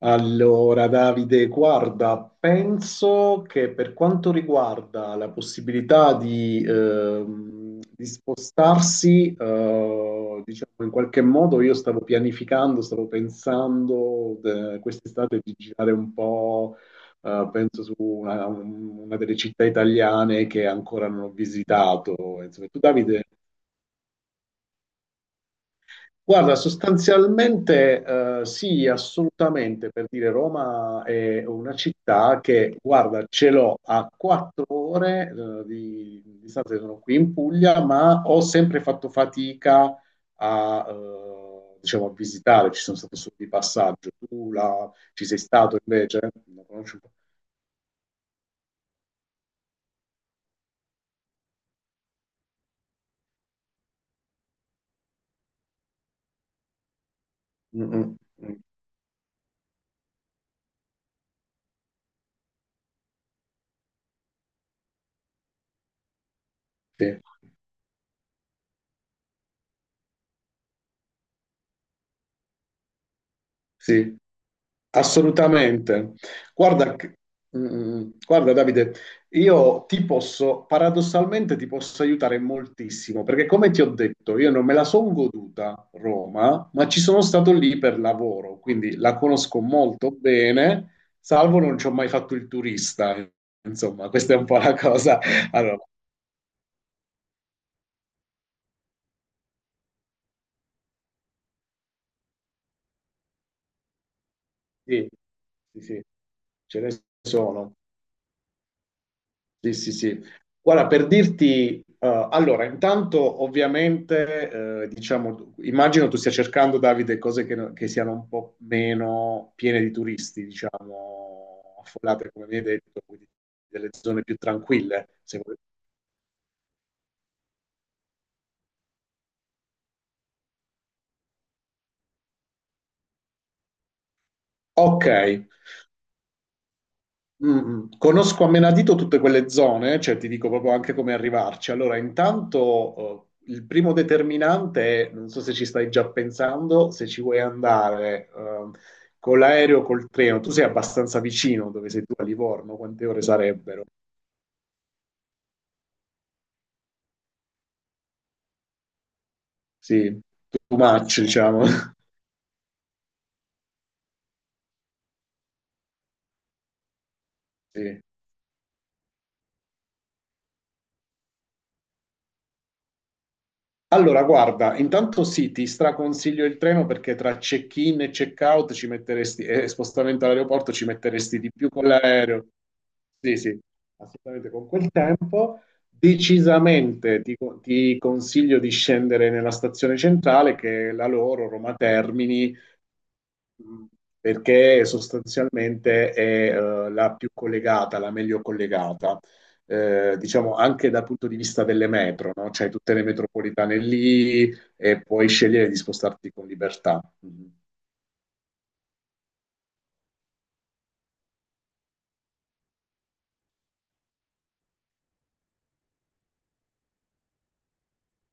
Allora, Davide, guarda, penso che per quanto riguarda la possibilità di spostarsi, diciamo in qualche modo, io stavo pianificando, stavo pensando quest'estate di girare un po', penso su una delle città italiane che ancora non ho visitato. Insomma, tu, Davide? Guarda, sostanzialmente sì, assolutamente, per dire Roma è una città che, guarda, ce l'ho a 4 ore di distanza, sono qui in Puglia, ma ho sempre fatto fatica a, diciamo, a visitare, ci sono stato solo di passaggio. Tu ci sei stato invece? La conosci un po'? Mm, mm, mm, sì. Sì, assolutamente. Guarda, guarda Davide, io ti posso, paradossalmente ti posso aiutare moltissimo, perché come ti ho detto, io non me la sono goduta Roma, ma ci sono stato lì per lavoro, quindi la conosco molto bene, salvo non ci ho mai fatto il turista. Insomma, questa è un po' la cosa. Allora, sì, sì, sì, ce ne sono. Sì, sì, sì. Guarda, per dirti, allora, intanto ovviamente, diciamo, immagino tu stia cercando, Davide, cose che, no- che siano un po' meno piene di turisti, diciamo, affollate, come mi hai detto, quindi delle zone più tranquille, se vuoi. Ok. Mm. Conosco a menadito tutte quelle zone, cioè ti dico proprio anche come arrivarci. Allora, intanto il primo determinante è, non so se ci stai già pensando, se ci vuoi andare con l'aereo o col treno. Tu sei abbastanza vicino dove sei tu a Livorno, quante ore sarebbero? Sì, too much, diciamo. Sì. Allora, guarda, intanto sì, ti straconsiglio il treno perché tra check-in e check-out ci metteresti, e spostamento all'aeroporto ci metteresti di più con l'aereo. Sì, sì, assolutamente con quel tempo. Decisamente ti consiglio di scendere nella stazione centrale, che è la loro, Roma Termini, perché sostanzialmente è la più collegata, la meglio collegata, diciamo anche dal punto di vista delle metro, no? C'hai tutte le metropolitane lì e puoi scegliere di spostarti con libertà. Mhm.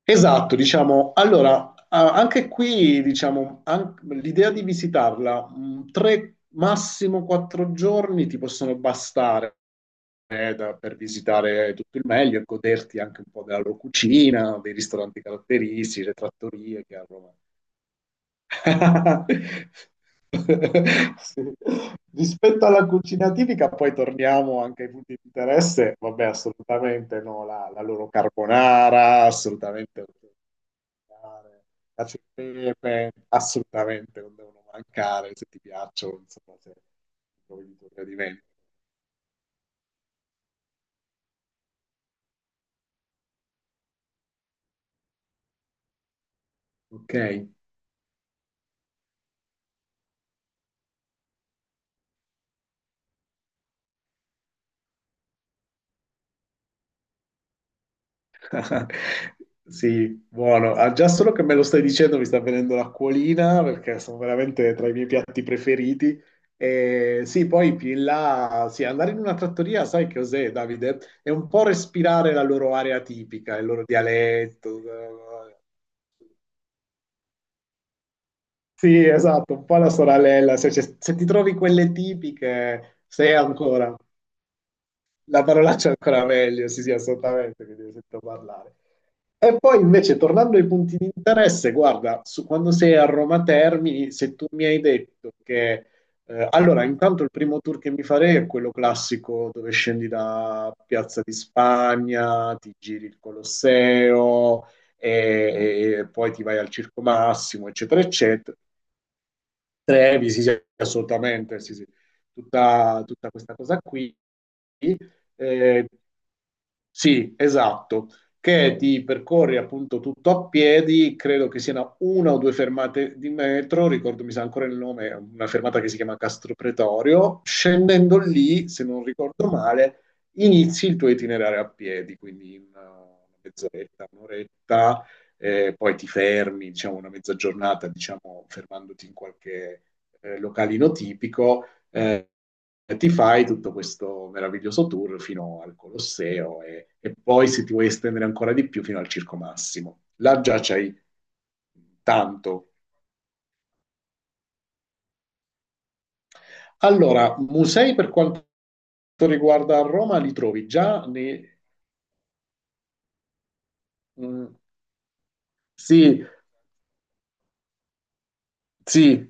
Esatto, diciamo, allora, anche qui, diciamo, l'idea di visitarla, tre, massimo 4 giorni ti possono bastare per visitare tutto il meglio e goderti anche un po' della loro cucina, dei ristoranti caratteristici, le trattorie che a Roma. Sì. Rispetto alla cucina tipica, poi torniamo anche ai punti di interesse. Vabbè, assolutamente no, la loro carbonara, assolutamente cacio e pepe, assolutamente non devono mancare se ti piacciono, insomma, se trovi il tuo gradimento. Ok. Sì, buono. Ah, già solo che me lo stai dicendo mi sta venendo l'acquolina perché sono veramente tra i miei piatti preferiti. E sì, poi più in là, sì, andare in una trattoria, sai che cos'è, Davide? È un po' respirare la loro area tipica, il loro dialetto. Sì, esatto, un po' la soralella. Se ti trovi quelle tipiche, sei ancora, la parolaccia è ancora meglio, sì, sì, assolutamente, che ti sento parlare. E poi invece tornando ai punti di interesse, guarda, quando sei a Roma Termini, se tu mi hai detto che... allora, intanto il primo tour che mi farei è quello classico dove scendi da Piazza di Spagna, ti giri il Colosseo e poi ti vai al Circo Massimo, eccetera, eccetera. Trevi, sì, sì, assolutamente, sì, sì. Tutta questa cosa qui. Eh, sì, esatto, che ti percorri appunto tutto a piedi, credo che siano una o due fermate di metro, ricordo, mi sa ancora il nome, una fermata che si chiama Castro Pretorio, scendendo lì, se non ricordo male, inizi il tuo itinerario a piedi, quindi in una mezz'oretta, un'oretta, poi ti fermi, diciamo, una mezza giornata, diciamo, fermandoti in qualche localino tipico, ti fai tutto questo meraviglioso tour fino al Colosseo poi, se ti vuoi estendere ancora di più, fino al Circo Massimo. Là già c'hai tanto. Allora, musei per quanto riguarda Roma li trovi già nei... Mm, sì, sì,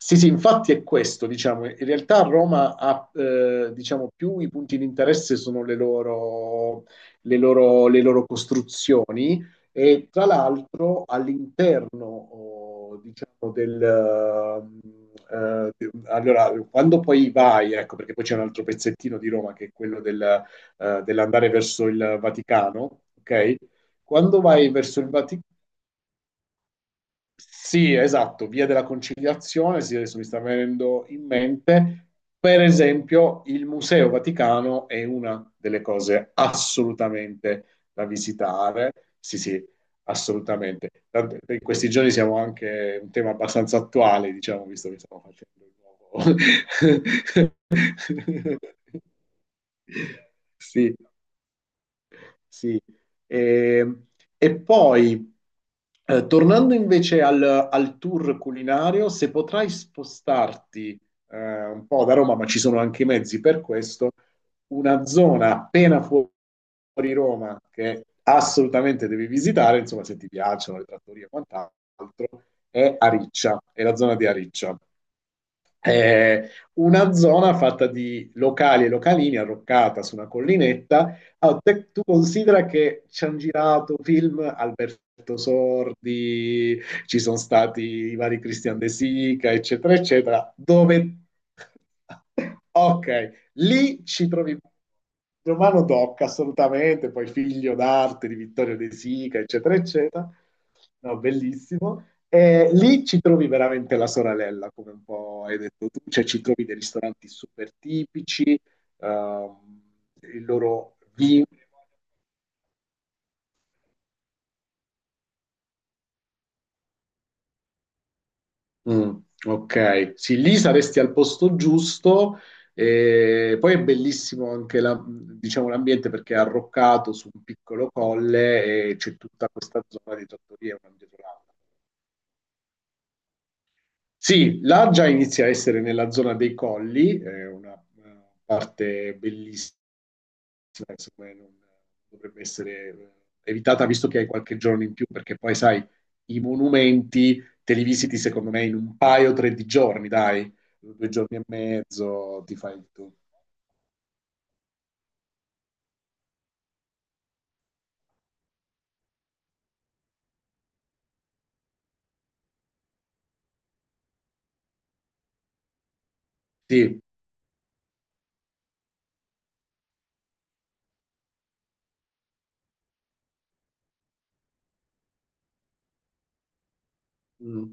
sì, sì, infatti è questo, diciamo, in realtà Roma ha, diciamo, più i punti di interesse sono le loro costruzioni e tra l'altro all'interno, oh, diciamo, del... allora, quando poi vai, ecco, perché poi c'è un altro pezzettino di Roma che è quello dell'andare verso il Vaticano, ok? Quando vai verso il Vaticano sì, esatto, via della Conciliazione, sì, adesso mi sta venendo in mente, per esempio, il Museo Vaticano è una delle cose assolutamente da visitare, sì, sì, assolutamente. In questi giorni siamo anche un tema abbastanza attuale, diciamo, visto che stiamo facendo il nuovo... Sì. Sì. E, e poi, tornando invece al tour culinario, se potrai spostarti un po' da Roma, ma ci sono anche i mezzi per questo, una zona appena fuori Roma che assolutamente devi visitare, insomma, se ti piacciono le trattorie e quant'altro, è Ariccia, è la zona di Ariccia eh, una zona fatta di locali e localini arroccata su una collinetta. Allora, tu considera che ci hanno girato film Alberto Sordi, ci sono stati i vari Christian De Sica, eccetera, eccetera, dove... Ok, lì ci trovi Romano Tocca, assolutamente, poi figlio d'arte di Vittorio De Sica, eccetera, eccetera. No, bellissimo. E lì ci trovi veramente la soralella, come un po' hai detto tu, cioè ci trovi dei ristoranti super tipici, ehm, il loro vino. Mm, ok, sì, lì saresti al posto giusto. E poi è bellissimo anche diciamo, l'ambiente perché è arroccato su un piccolo colle e c'è tutta questa zona di trattorie una dietro l'altra. Sì, là già inizia a essere nella zona dei colli, è una parte bellissima secondo me non dovrebbe essere evitata visto che hai qualche giorno in più, perché poi sai, i monumenti te li visiti secondo me in un paio o tre di giorni, dai, 2 giorni e mezzo ti fai tu. Sì. Mm.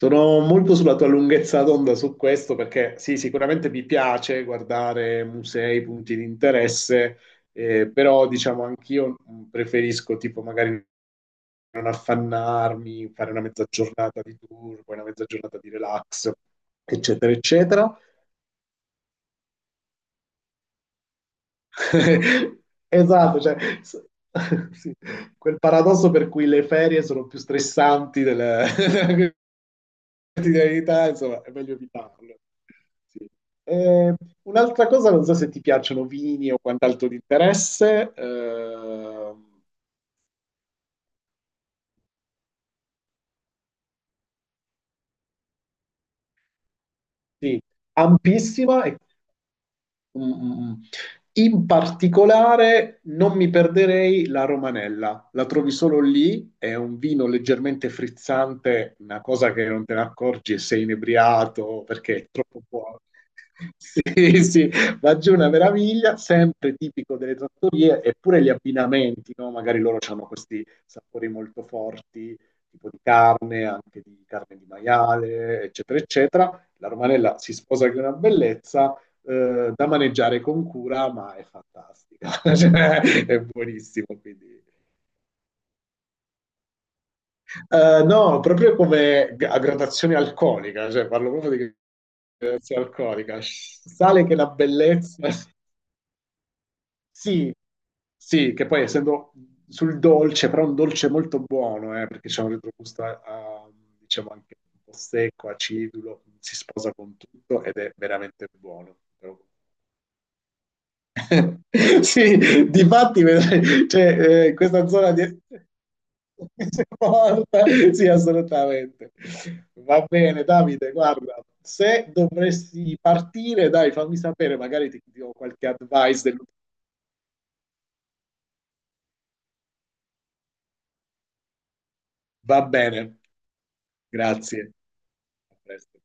Sono molto sulla tua lunghezza d'onda su questo perché sì, sicuramente mi piace guardare musei, punti di interesse, però diciamo anch'io preferisco tipo magari affannarmi, fare una mezza giornata di tour, poi una mezza giornata di relax, eccetera, eccetera. Esatto, cioè, s- sì, quel paradosso per cui le ferie sono più stressanti della della quotidianità, insomma, è meglio evitarlo. Sì. Eh, un'altra cosa, non so se ti piacciono vini o quant'altro di interesse, sì, ampissima e mm, mm, mm. In particolare non mi perderei la Romanella, la trovi solo lì, è un vino leggermente frizzante, una cosa che non te ne accorgi e sei inebriato perché è troppo buono. Sì, sì, va giù una meraviglia, sempre tipico delle trattorie, eppure gli abbinamenti, no? Magari loro hanno questi sapori molto forti, tipo di carne, anche di carne di maiale, eccetera, eccetera. La Romanella si sposa che è una bellezza da maneggiare con cura, ma è fantastica. Cioè, è buonissimo. Quindi. No, proprio come a gradazione alcolica, cioè parlo proprio di gradazione alcolica. Sale che è una bellezza. Sì, sì, che poi essendo sul dolce, però un dolce molto buono, perché c'è un retrogusto, diciamo, anche un po' secco, acidulo, si sposa con tutto ed è veramente buono. Però sì, difatti vedrai, cioè, questa zona di... si è morta. Sì, assolutamente. Va bene, Davide, guarda, se dovresti partire, dai, fammi sapere, magari ti do qualche advice. Va bene, grazie. A presto.